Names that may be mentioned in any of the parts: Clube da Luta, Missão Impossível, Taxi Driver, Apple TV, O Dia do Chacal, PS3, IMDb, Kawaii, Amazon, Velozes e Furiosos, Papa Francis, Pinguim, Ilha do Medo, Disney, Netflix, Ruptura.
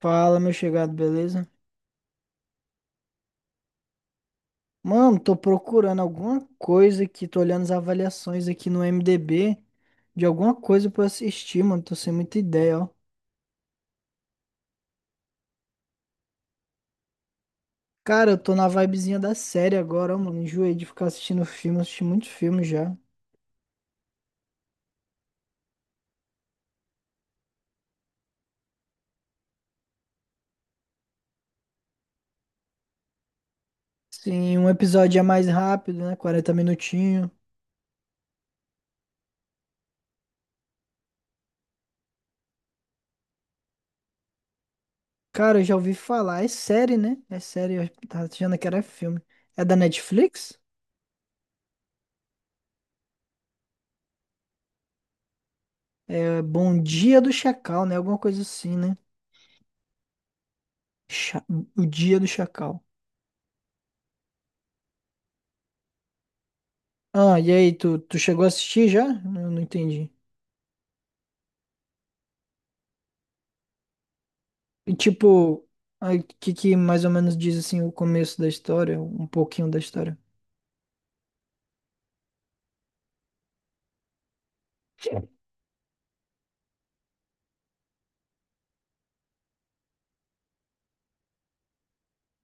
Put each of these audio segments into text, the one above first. Fala, meu chegado, beleza? Mano, tô procurando alguma coisa aqui, tô olhando as avaliações aqui no IMDb de alguma coisa pra eu assistir, mano, tô sem muita ideia, ó. Cara, eu tô na vibezinha da série agora, ó, mano, enjoei de ficar assistindo filme, assisti muito filme já. Sim, um episódio é mais rápido, né, 40 minutinhos. Cara, eu já ouvi falar, é série, né? É série, eu tava achando que era filme. É da Netflix? É Bom Dia do Chacal, né? Alguma coisa assim, né? Cha- O Dia do Chacal. Ah, e aí, tu chegou a assistir já? Eu não entendi. E tipo, o que que mais ou menos diz assim o começo da história, um pouquinho da história?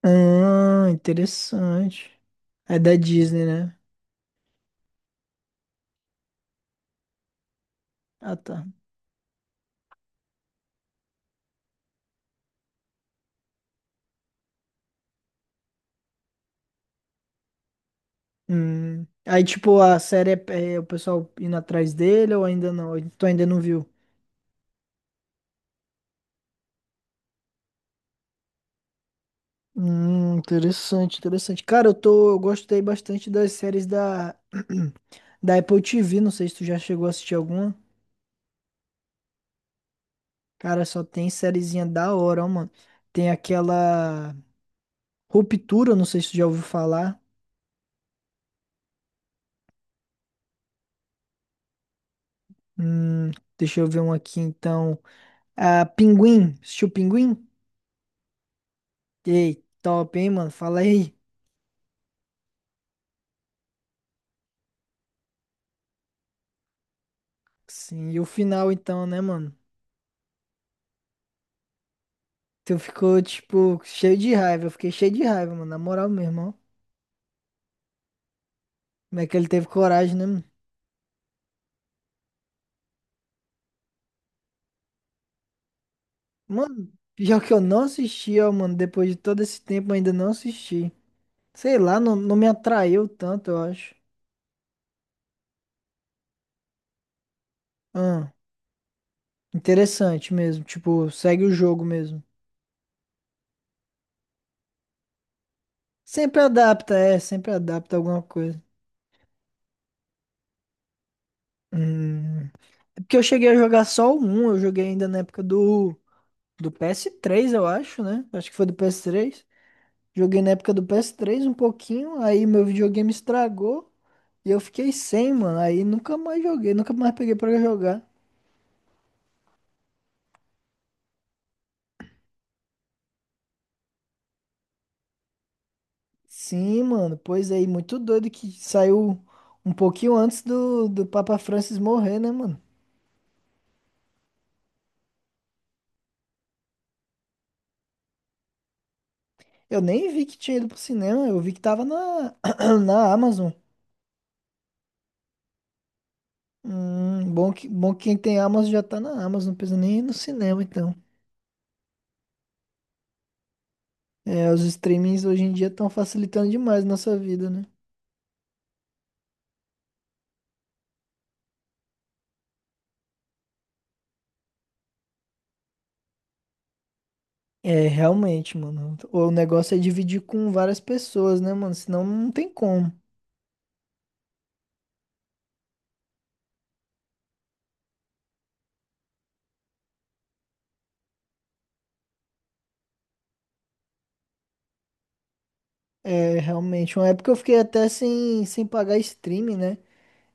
Ah, interessante. É da Disney, né? Ah, tá. Hum. Aí, tipo, a série é o pessoal indo atrás dele ou ainda não? Tu ainda não viu? Interessante, interessante. Cara, eu tô, eu gostei bastante das séries da da Apple TV, não sei se tu já chegou a assistir alguma. Cara, só tem sériezinha da hora, ó, mano. Tem aquela Ruptura, não sei se tu já ouviu falar. Hum, deixa eu ver um aqui, então. Ah, Pinguim. Assistiu Pinguim? Ei, top, hein, mano? Fala aí. Sim, e o final, então, né, mano? Tu ficou, tipo, cheio de raiva. Eu fiquei cheio de raiva, mano. Na moral mesmo, ó. Como é que ele teve coragem, né, mano? Mano, pior que eu não assisti, ó, mano. Depois de todo esse tempo, eu ainda não assisti. Sei lá, não, não me atraiu tanto, eu acho. Ahn. Interessante mesmo. Tipo, segue o jogo mesmo. Sempre adapta, é, sempre adapta alguma coisa. Hum. É Porque eu cheguei a jogar só o 1, eu joguei ainda na época do PS3, eu acho, né? Acho que foi do PS3. Joguei na época do PS3 um pouquinho, aí meu videogame estragou e eu fiquei sem, mano. Aí nunca mais joguei, nunca mais peguei pra jogar. Sim, mano, pois aí, muito doido que saiu um pouquinho antes do Papa Francis morrer, né, mano? Eu nem vi que tinha ido pro cinema, eu vi que tava na, na Amazon. Bom que quem tem Amazon já tá na Amazon, não precisa nem ir no cinema, então. É, os streamings hoje em dia estão facilitando demais nossa vida, né? É, realmente, mano. O negócio é dividir com várias pessoas, né, mano? Senão não tem como. É, realmente. Uma época eu fiquei até sem, sem pagar streaming, né?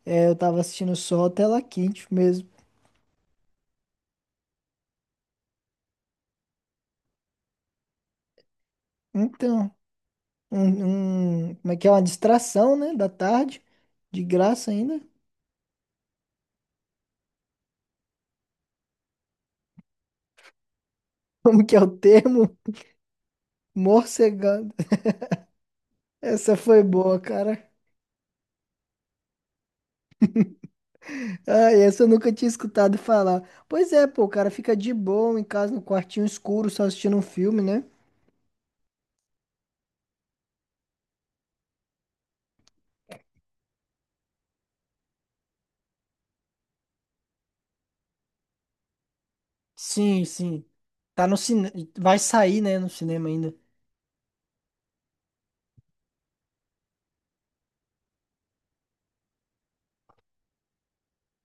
É, eu tava assistindo só a tela quente mesmo. Então, como é que é? Uma distração, né? Da tarde. De graça ainda. Como que é o termo? Morcegando. Essa foi boa, cara. Ah, essa eu nunca tinha escutado falar. Pois é, pô, o cara fica de boa em casa, no quartinho escuro, só assistindo um filme, né? Sim, sim. Tá no cinema. Vai sair, né, no cinema ainda.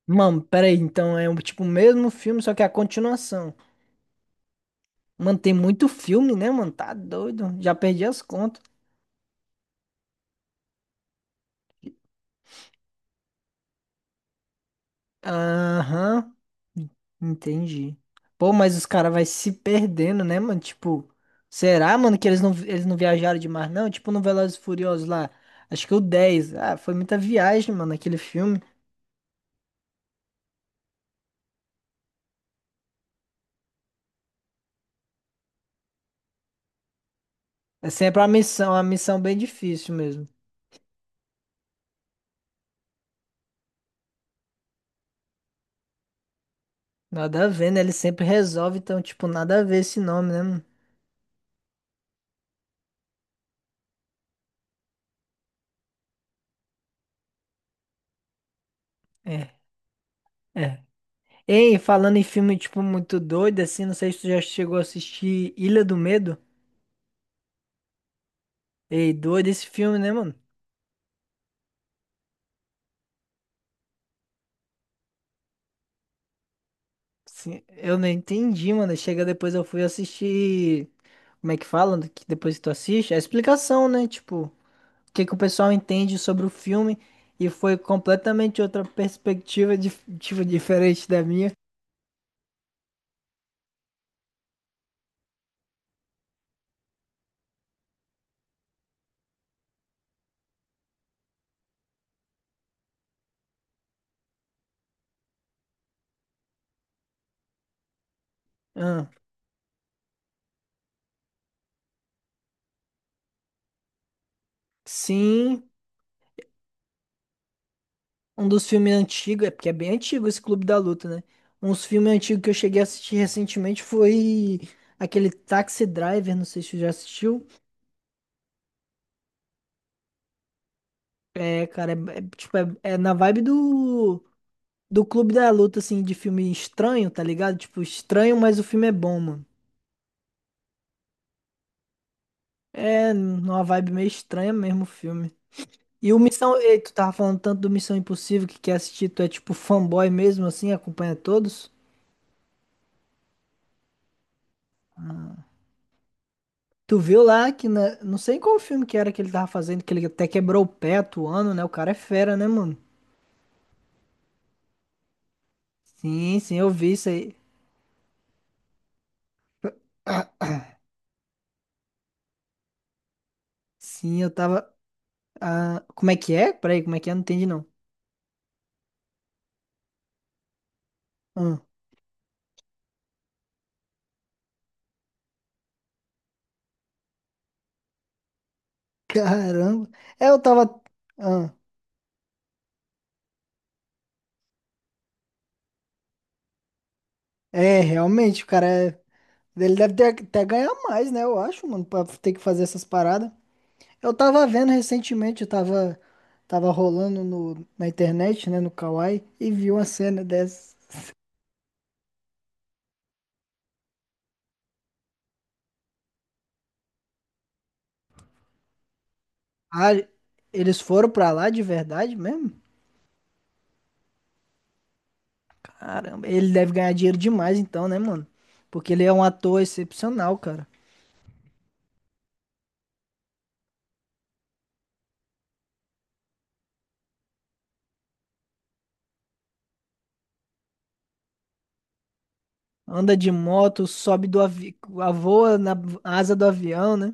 Mano, peraí, então é um tipo o mesmo filme, só que é a continuação. Mano, tem muito filme, né, mano? Tá doido. Já perdi as contas. Aham, entendi. Pô, mas os caras vai se perdendo, né, mano? Tipo, será, mano, que eles não viajaram demais, não? Tipo, no Velozes e Furiosos lá, acho que o 10 Ah, foi muita viagem, mano, aquele filme. É sempre uma missão bem difícil mesmo. Nada a ver, né? Ele sempre resolve, então, tipo, nada a ver esse nome, né, mano? É, é. Ei, falando em filme, tipo, muito doido, assim, não sei se tu já chegou a assistir Ilha do Medo. Ei, doido esse filme, né, mano? Sim, eu não entendi, mano. Chega depois eu fui assistir. Como é que fala? Que depois que tu assiste? A explicação, né? Tipo, o que que o pessoal entende sobre o filme. E foi completamente outra perspectiva, tipo, diferente da minha. Ah, sim, um dos filmes antigos, é porque é bem antigo esse Clube da Luta, né? Uns filmes antigos que eu cheguei a assistir recentemente foi aquele Taxi Driver, não sei se tu já assistiu. É, cara, é, é, tipo, é na vibe do. Do Clube da Luta, assim, de filme estranho, tá ligado? Tipo, estranho, mas o filme é bom, mano. É numa vibe meio estranha mesmo o filme. E o Missão. Ei, tu tava falando tanto do Missão Impossível que quer assistir, tu é tipo fanboy mesmo, assim, acompanha todos. Tu viu lá que, não sei em qual filme que era que ele tava fazendo, que ele até quebrou o pé atuando, né? O cara é fera, né, mano? Sim, sim, eu vi isso aí. Sim, eu tava. Ah, como é que é? Peraí, como é que é? Não entendi, não. Ah, caramba. É, eu tava. É, realmente, ele deve ter, até ganhar mais, né? Eu acho, mano, pra ter que fazer essas paradas. Eu tava vendo recentemente, eu tava, tava rolando no, na internet, né, no Kawaii, e vi uma cena dessa. Ah, eles foram pra lá de verdade mesmo? Caramba, ele deve ganhar dinheiro demais então, né, mano? Porque ele é um ator excepcional, cara. Anda de moto, sobe do avião, voa na asa do avião, né?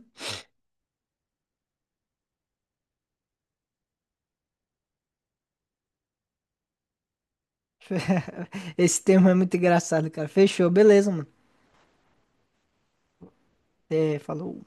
Esse termo é muito engraçado, cara. Fechou, beleza, mano. É, falou.